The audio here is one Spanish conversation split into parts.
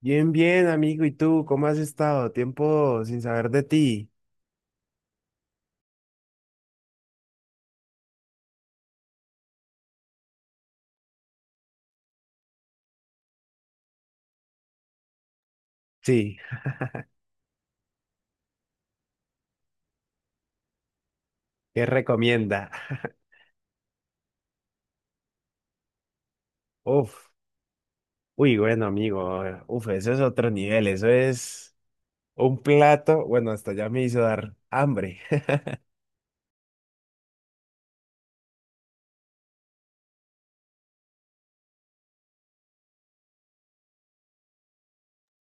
Bien, bien, amigo. ¿Y tú cómo has estado? Tiempo sin saber de ti. Sí, ¿qué recomienda? Uf, uy, bueno, amigo. Uf, eso es otro nivel. Eso es un plato. Bueno, hasta ya me hizo dar hambre.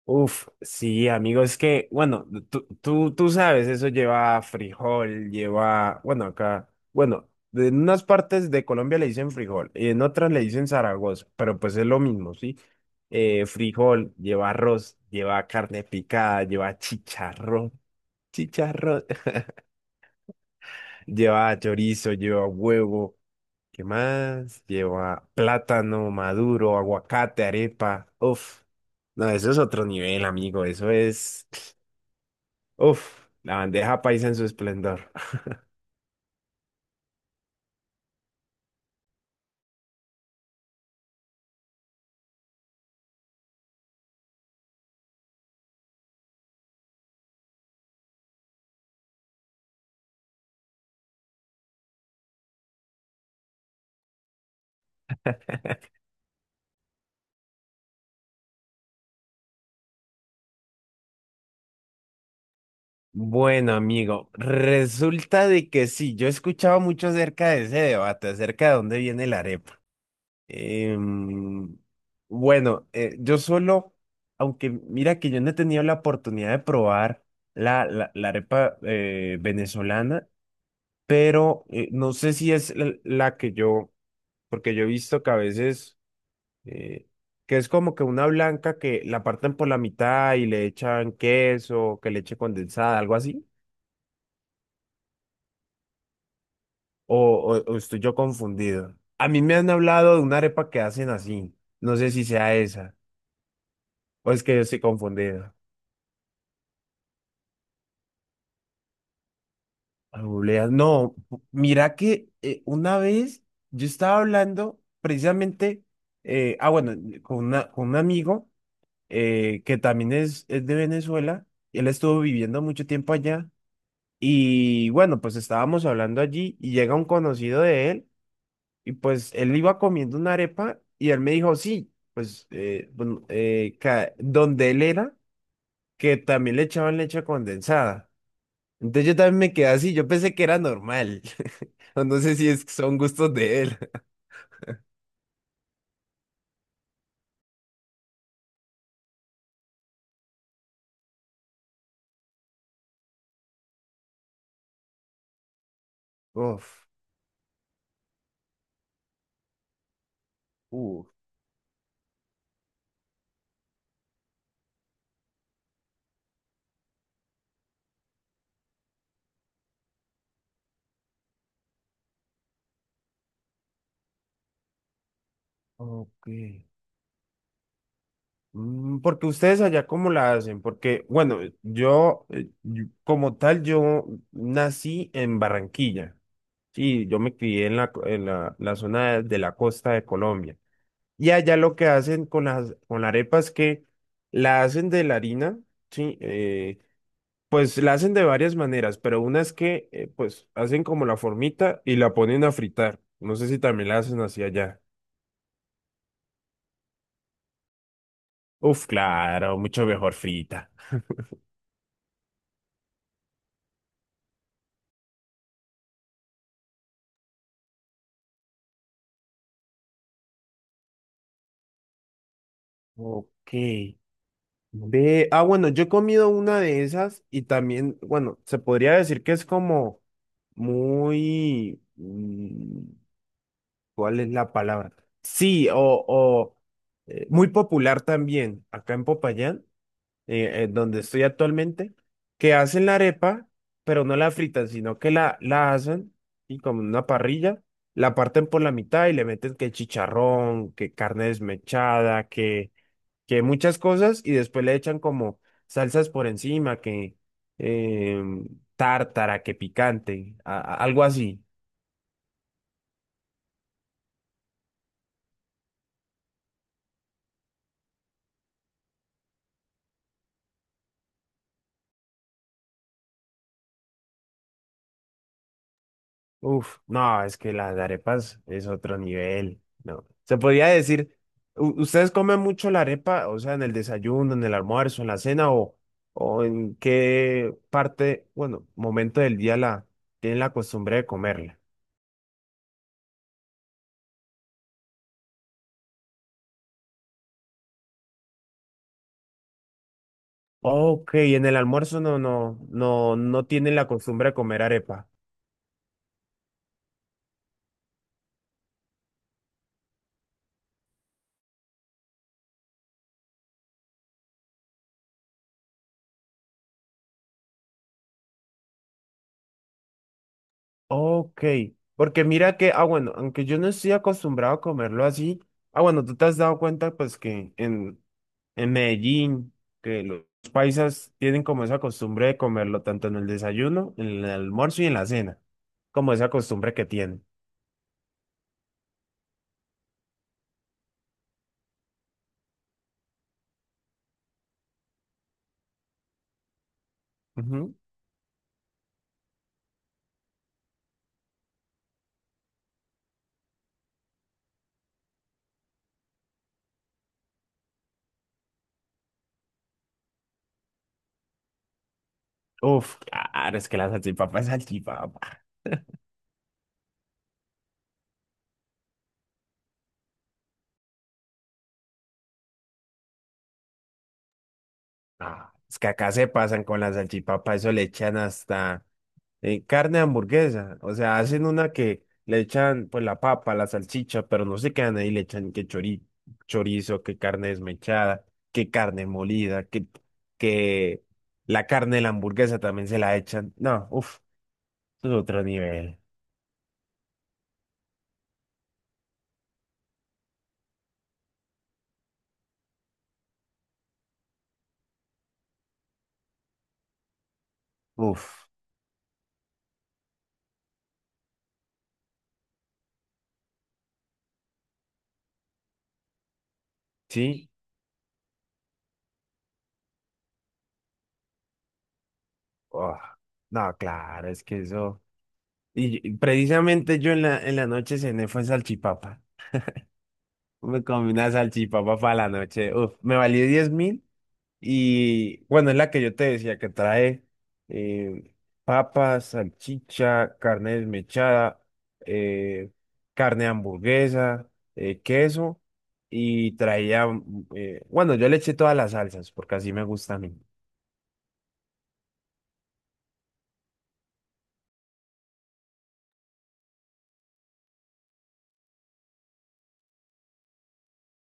Uf, sí, amigo, es que, bueno, tú sabes, eso lleva frijol, lleva, bueno, acá, bueno, en unas partes de Colombia le dicen frijol y en otras le dicen Zaragoza, pero pues es lo mismo, ¿sí? Frijol, lleva arroz, lleva carne picada, lleva chicharrón, chicharrón, lleva chorizo, lleva huevo, ¿qué más? Lleva plátano maduro, aguacate, arepa, uf. No, eso es otro nivel, amigo, eso es... Uf, la bandeja paisa en su esplendor. Bueno, amigo, resulta de que sí, yo he escuchado mucho acerca de ese debate, acerca de dónde viene la arepa. Em, bueno, yo solo, aunque mira que yo no he tenido la oportunidad de probar la arepa venezolana, pero no sé si es la que yo, porque yo he visto que a veces... eh, que es como que una blanca que la parten por la mitad y le echan queso, que leche condensada, algo así. O, o estoy yo confundido. A mí me han hablado de una arepa que hacen así. No sé si sea esa. O es que yo estoy confundido. Obleas. No, mira que una vez yo estaba hablando precisamente, bueno, con, con un amigo que también es de Venezuela. Él estuvo viviendo mucho tiempo allá. Y bueno, pues estábamos hablando allí y llega un conocido de él y pues él iba comiendo una arepa y él me dijo, sí, pues donde él era, que también le echaban leche condensada. Entonces yo también me quedé así, yo pensé que era normal, o no sé si es, son gustos de él. Uf, uf, ok. Mm, porque ustedes allá cómo la hacen, porque bueno, yo como tal, yo nací en Barranquilla. Sí, yo me crié en la, la zona de la costa de Colombia. Y allá lo que hacen con las con la arepa es que la hacen de la harina, sí, pues la hacen de varias maneras, pero una es que pues hacen como la formita y la ponen a fritar. No sé si también la hacen así allá. Uf, claro, mucho mejor frita. Ok. Ve, ah, bueno, yo he comido una de esas y también, bueno, se podría decir que es como muy... mm, ¿cuál es la palabra? Sí, o, muy popular también acá en Popayán, donde estoy actualmente, que hacen la arepa, pero no la fritan, sino que la hacen y como en una parrilla, la parten por la mitad y le meten que chicharrón, que carne desmechada, que muchas cosas y después le echan como salsas por encima, que em, tártara, que picante, algo así. Uf, no, es que las arepas es otro nivel, no. Se podría decir, ¿ustedes comen mucho la arepa, o sea, en el desayuno, en el almuerzo, en la cena, o en qué parte, bueno, momento del día la tienen la costumbre de comerla? Ok, en el almuerzo no, no tienen la costumbre de comer arepa. Ok, porque mira que, ah, bueno, aunque yo no estoy acostumbrado a comerlo así, ah, bueno, tú te has dado cuenta pues que en Medellín, que los paisas tienen como esa costumbre de comerlo tanto en el desayuno, en el almuerzo y en la cena, como esa costumbre que tienen. Ujú. Uf, claro, es que la salchipapa es salchipapa. Ah, es que acá se pasan con la salchipapa, eso le echan hasta... carne de hamburguesa. O sea, hacen una que le echan pues la papa, la salchicha, pero no se quedan ahí, le echan que chorizo, que carne desmechada, que carne molida, que la carne de la hamburguesa también se la echan. No, uff, es otro nivel. Uff, ¿sí? Oh, no, claro, es que eso. Y precisamente yo en la noche cené fue salchipapa. Me comí una salchipapa para la noche. Uf, me valió 10.000. Y bueno, es la que yo te decía que trae eh, papas, salchicha, carne desmechada, eh, carne de hamburguesa, queso y traía, mm, bueno, yo le eché todas las salsas porque así me gusta a mí.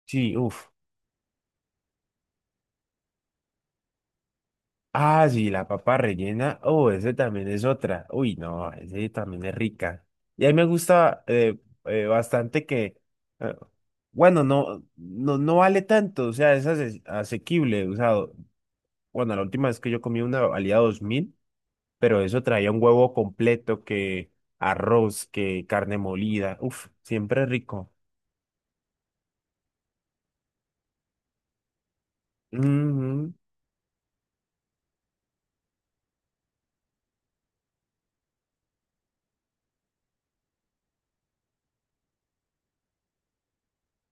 Sí, uff. Ah, sí, la papa rellena. Oh, ese también es otra. Uy, no, ese también es rica. Y a mí me gusta bastante que, eh, bueno, no, vale tanto, o sea, es asequible. O sea, bueno, la última vez que yo comí una valía 2.000, pero eso traía un huevo completo, que arroz, que carne molida. Uf, siempre rico. Ujú.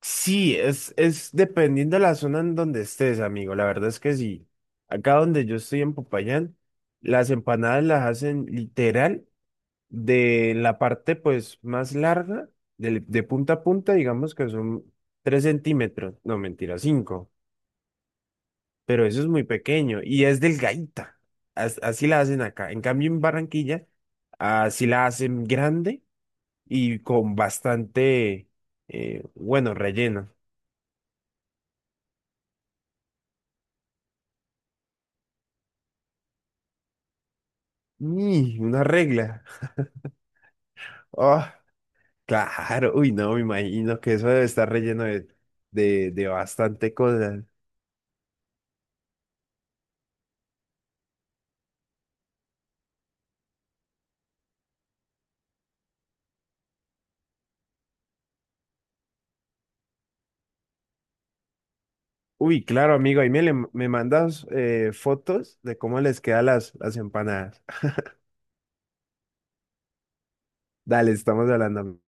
Sí, es dependiendo de la zona en donde estés, amigo. La verdad es que sí. Acá donde yo estoy en Popayán, las empanadas las hacen literal de la parte pues más larga, de, punta a punta, digamos que son 3 centímetros. No, mentira, cinco. Pero eso es muy pequeño y es delgadita. Así la hacen acá. En cambio, en Barranquilla, así la hacen grande y con bastante, bueno, relleno. Y una regla. Ah, claro. Uy, no, me imagino que eso debe estar relleno de bastante cosas. Uy, claro, amigo, ahí me, me mandas fotos de cómo les quedan las empanadas. Dale, estamos hablando.